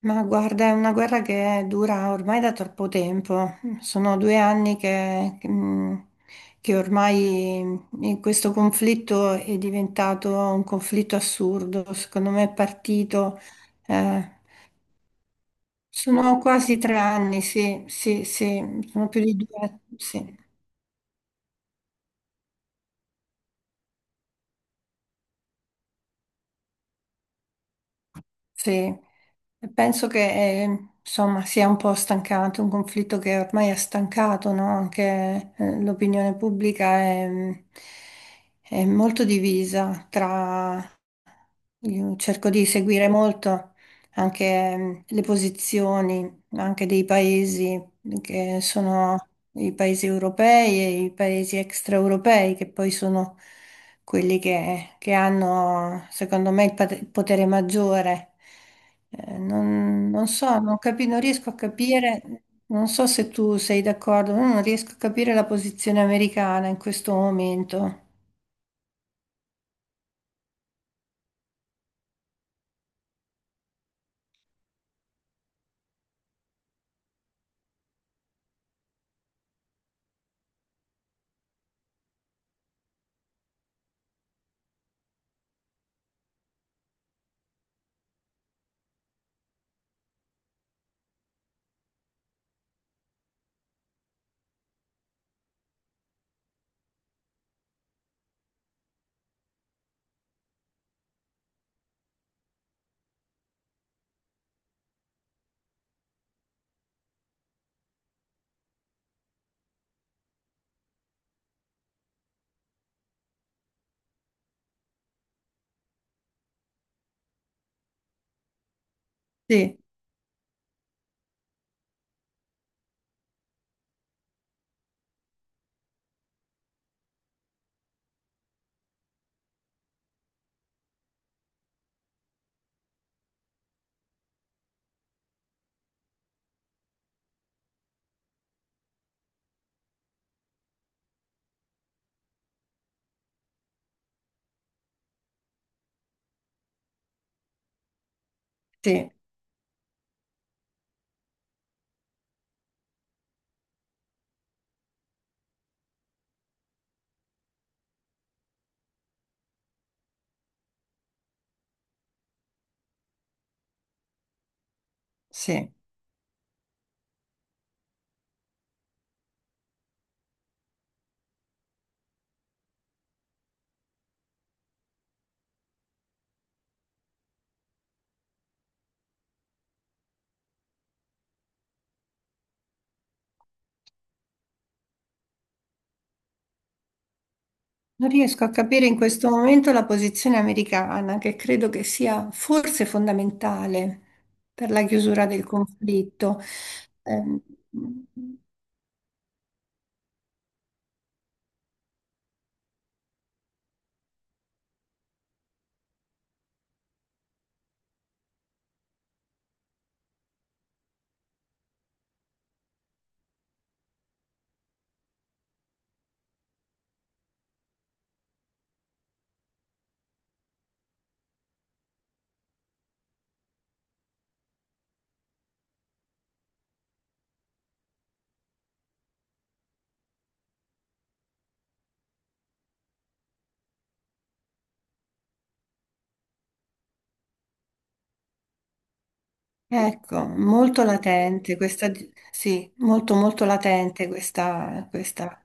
Ma guarda, è una guerra che dura ormai da troppo tempo. Sono due anni che ormai questo conflitto è diventato un conflitto assurdo. Secondo me è partito. eh, sono quasi tre anni, sì, sì, sì, sono più di due, sì. Sì, e penso che insomma sia un po' stancato, un conflitto che ormai ha stancato, no? Anche l'opinione pubblica è è molto divisa. Tra... Io cerco di seguire molto anche le posizioni anche dei paesi che sono i paesi europei e i paesi extraeuropei, che poi sono quelli che hanno, secondo me, il potere maggiore. Non so, non riesco a capire, non so se tu sei d'accordo, ma non riesco a capire la posizione americana in questo momento. Sì, sì, sì. Non riesco a capire in questo momento la posizione americana, che credo che sia forse fondamentale per la chiusura del conflitto. Ehm, ecco, molto latente questa, sì, molto molto latente questa,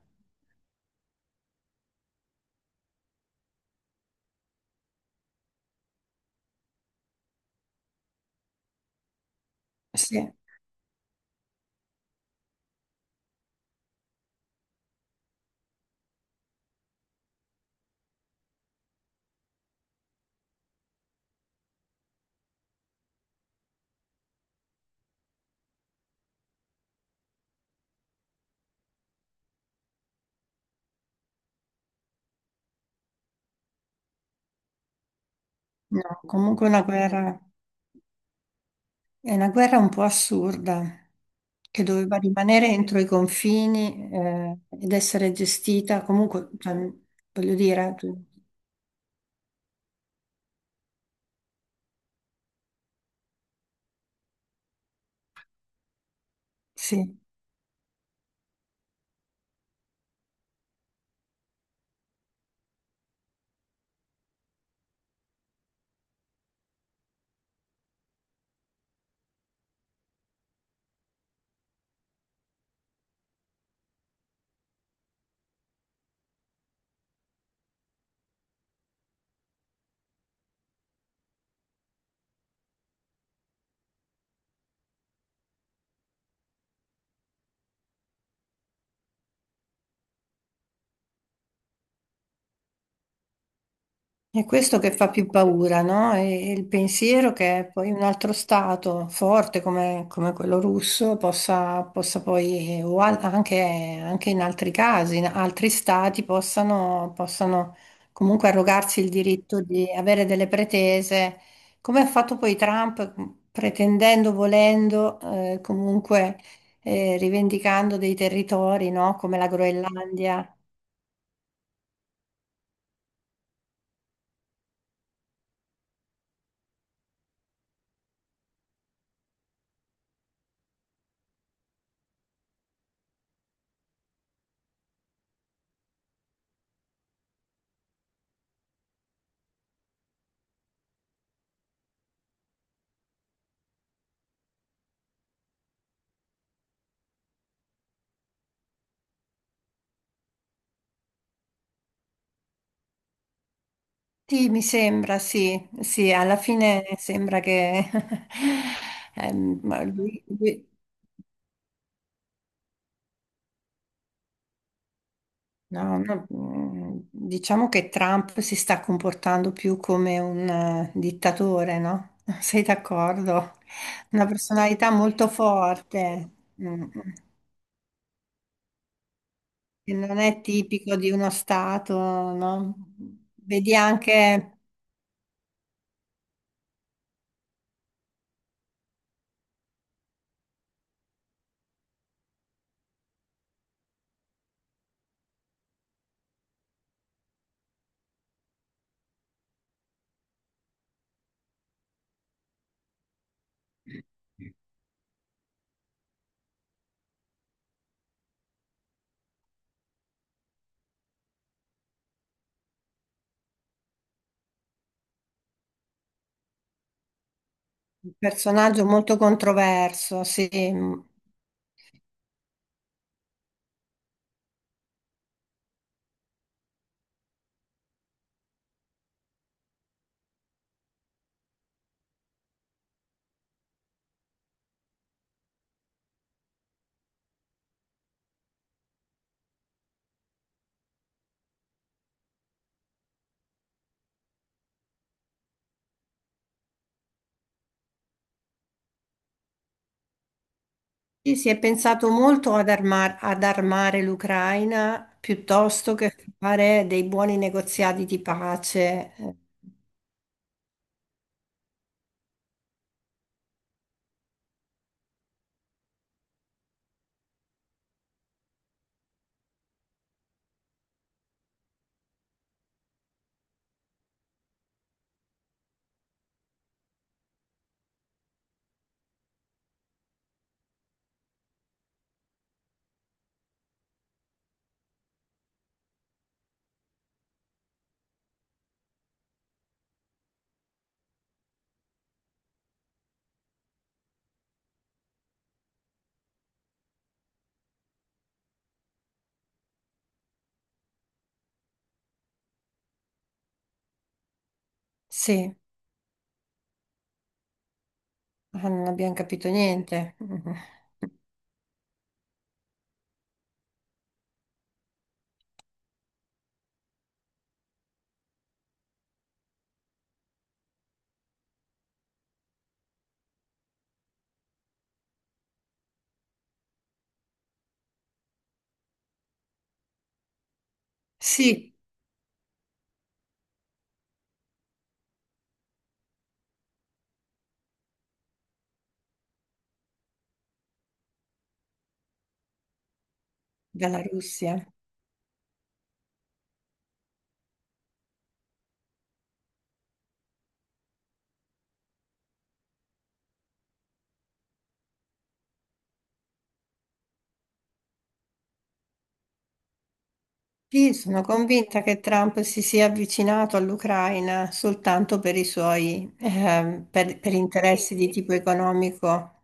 sì. No, comunque è una guerra un po' assurda, che doveva rimanere entro i confini, ed essere gestita comunque, cioè, voglio dire, sì. È questo che fa più paura, no? E il pensiero che poi un altro stato forte come quello russo possa poi, anche in altri casi, in altri stati possano comunque arrogarsi il diritto di avere delle pretese, come ha fatto poi Trump, pretendendo, volendo, comunque rivendicando dei territori, no? Come la Groenlandia. Sì, mi sembra, sì, sì, alla fine sembra che ma no, no, diciamo che Trump si sta comportando più come un dittatore, no? Sei d'accordo? Una personalità molto forte, mm, che non è tipico di uno Stato, no? Vedi anche un personaggio molto controverso, sì. Mm. Sì, si è pensato molto ad armare l'Ucraina piuttosto che fare dei buoni negoziati di pace. Sì, ma non abbiamo capito niente. Sì, dalla Russia. Sì, sono convinta che Trump si sia avvicinato all'Ucraina soltanto per i suoi, per interessi di tipo economico.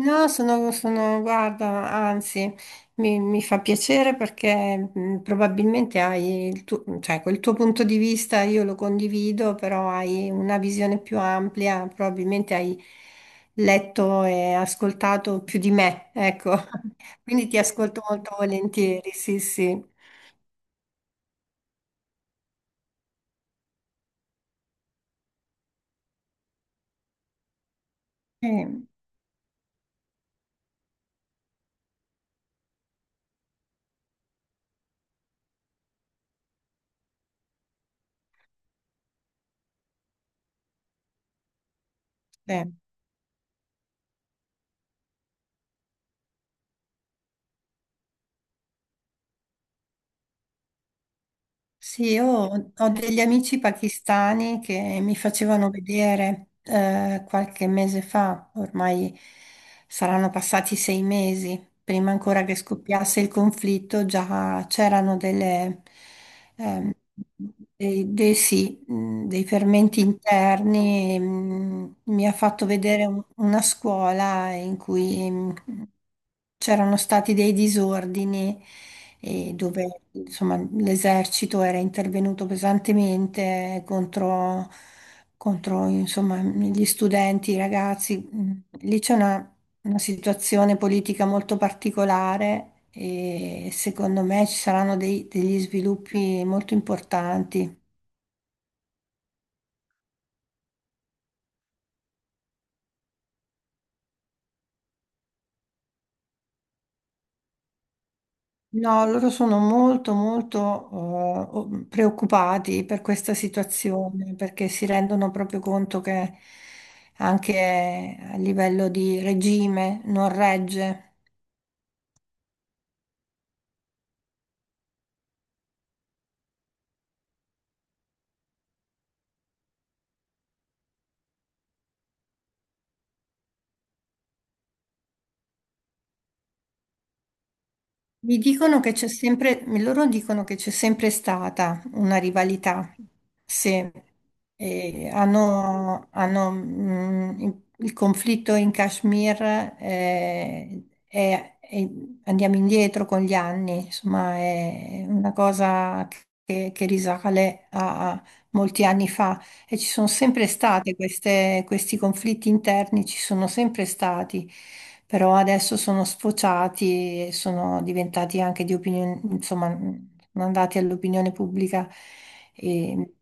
No, guarda, anzi, mi fa piacere perché probabilmente hai il tuo, cioè, quel tuo punto di vista, io lo condivido, però hai una visione più ampia, probabilmente hai letto e ascoltato più di me, ecco. Quindi ti ascolto molto volentieri, sì, sì. Eh, eh. Sì, io ho degli amici pakistani che mi facevano vedere qualche mese fa, ormai saranno passati sei mesi, prima ancora che scoppiasse il conflitto, già c'erano ehm, sì, dei fermenti interni. Mi ha fatto vedere una scuola in cui c'erano stati dei disordini e dove insomma, l'esercito era intervenuto pesantemente contro, insomma, gli studenti, i ragazzi. Lì c'è una situazione politica molto particolare e secondo me ci saranno degli sviluppi molto importanti. No, loro sono molto, molto preoccupati per questa situazione perché si rendono proprio conto che anche a livello di regime non regge. Mi dicono che c'è sempre, loro dicono che c'è sempre stata una rivalità, sì. E hanno, il conflitto in Kashmir, eh, è- è- andiamo indietro con gli anni, insomma è una cosa che risale a molti anni fa. E ci sono sempre state questi conflitti interni, ci sono sempre stati, però adesso sono sfociati e sono diventati anche di opinione, insomma, sono andati all'opinione pubblica. E,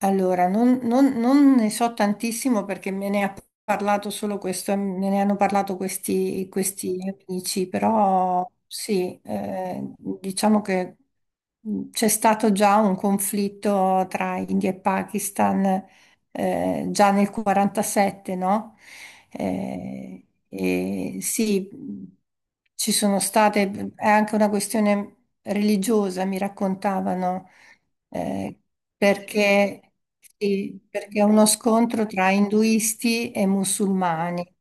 Allora, non ne so tantissimo perché me ne ha parlato solo questo, me ne hanno parlato questi amici, però sì, diciamo che c'è stato già un conflitto tra India e Pakistan già nel '47, no? E sì, ci sono state, è anche una questione religiosa, mi raccontavano eh, perché, sì, perché è uno scontro tra induisti e musulmani.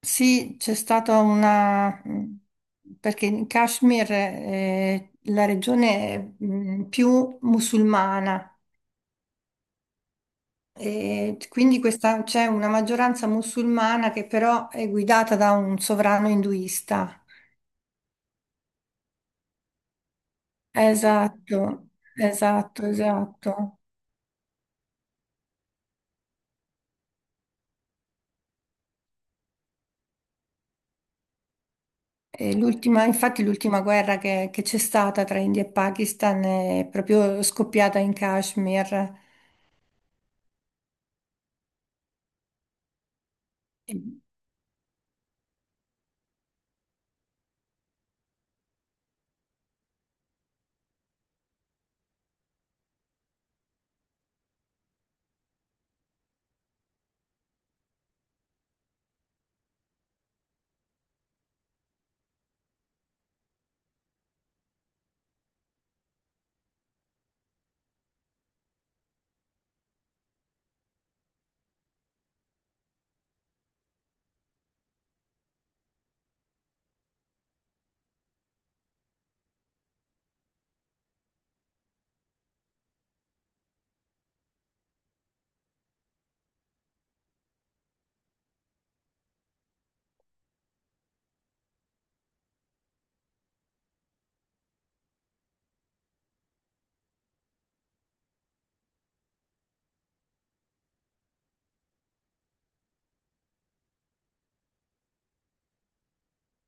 Sì, c'è stata perché in Kashmir è la regione più musulmana e quindi c'è una maggioranza musulmana che però è guidata da un sovrano induista. Esatto, esatto, esatto. E infatti l'ultima guerra che c'è stata tra India e Pakistan è proprio scoppiata in Kashmir.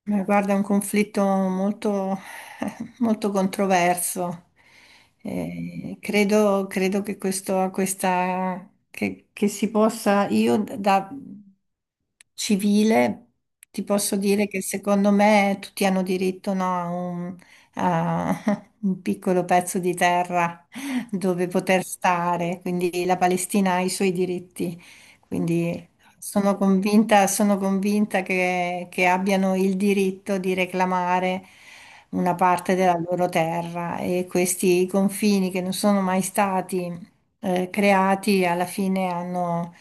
Ma guarda, è un conflitto molto, molto controverso. Credo che questa, che si possa, io da civile ti posso dire che secondo me tutti hanno diritto, no, a un, a un piccolo pezzo di terra dove poter stare, quindi la Palestina ha i suoi diritti. Quindi sono convinta che abbiano il diritto di reclamare una parte della loro terra e questi confini che non sono mai stati creati alla fine hanno,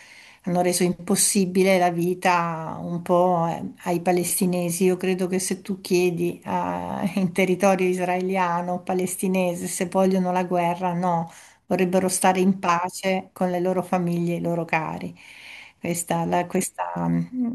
hanno reso impossibile la vita un po' ai palestinesi. Io credo che se tu chiedi in territorio israeliano o palestinese se vogliono la guerra, no, vorrebbero stare in pace con le loro famiglie e i loro cari. Questa, la, questa, mm,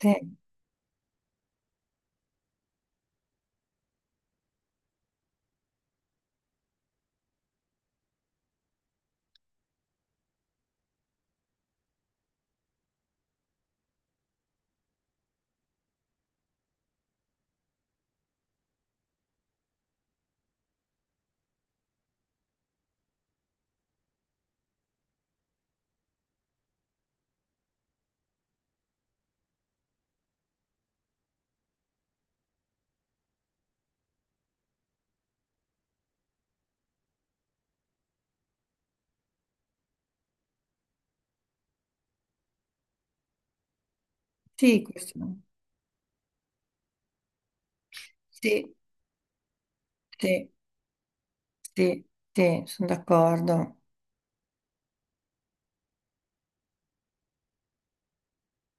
eh, sì, questo, sì, sì, sì, sì, sono d'accordo.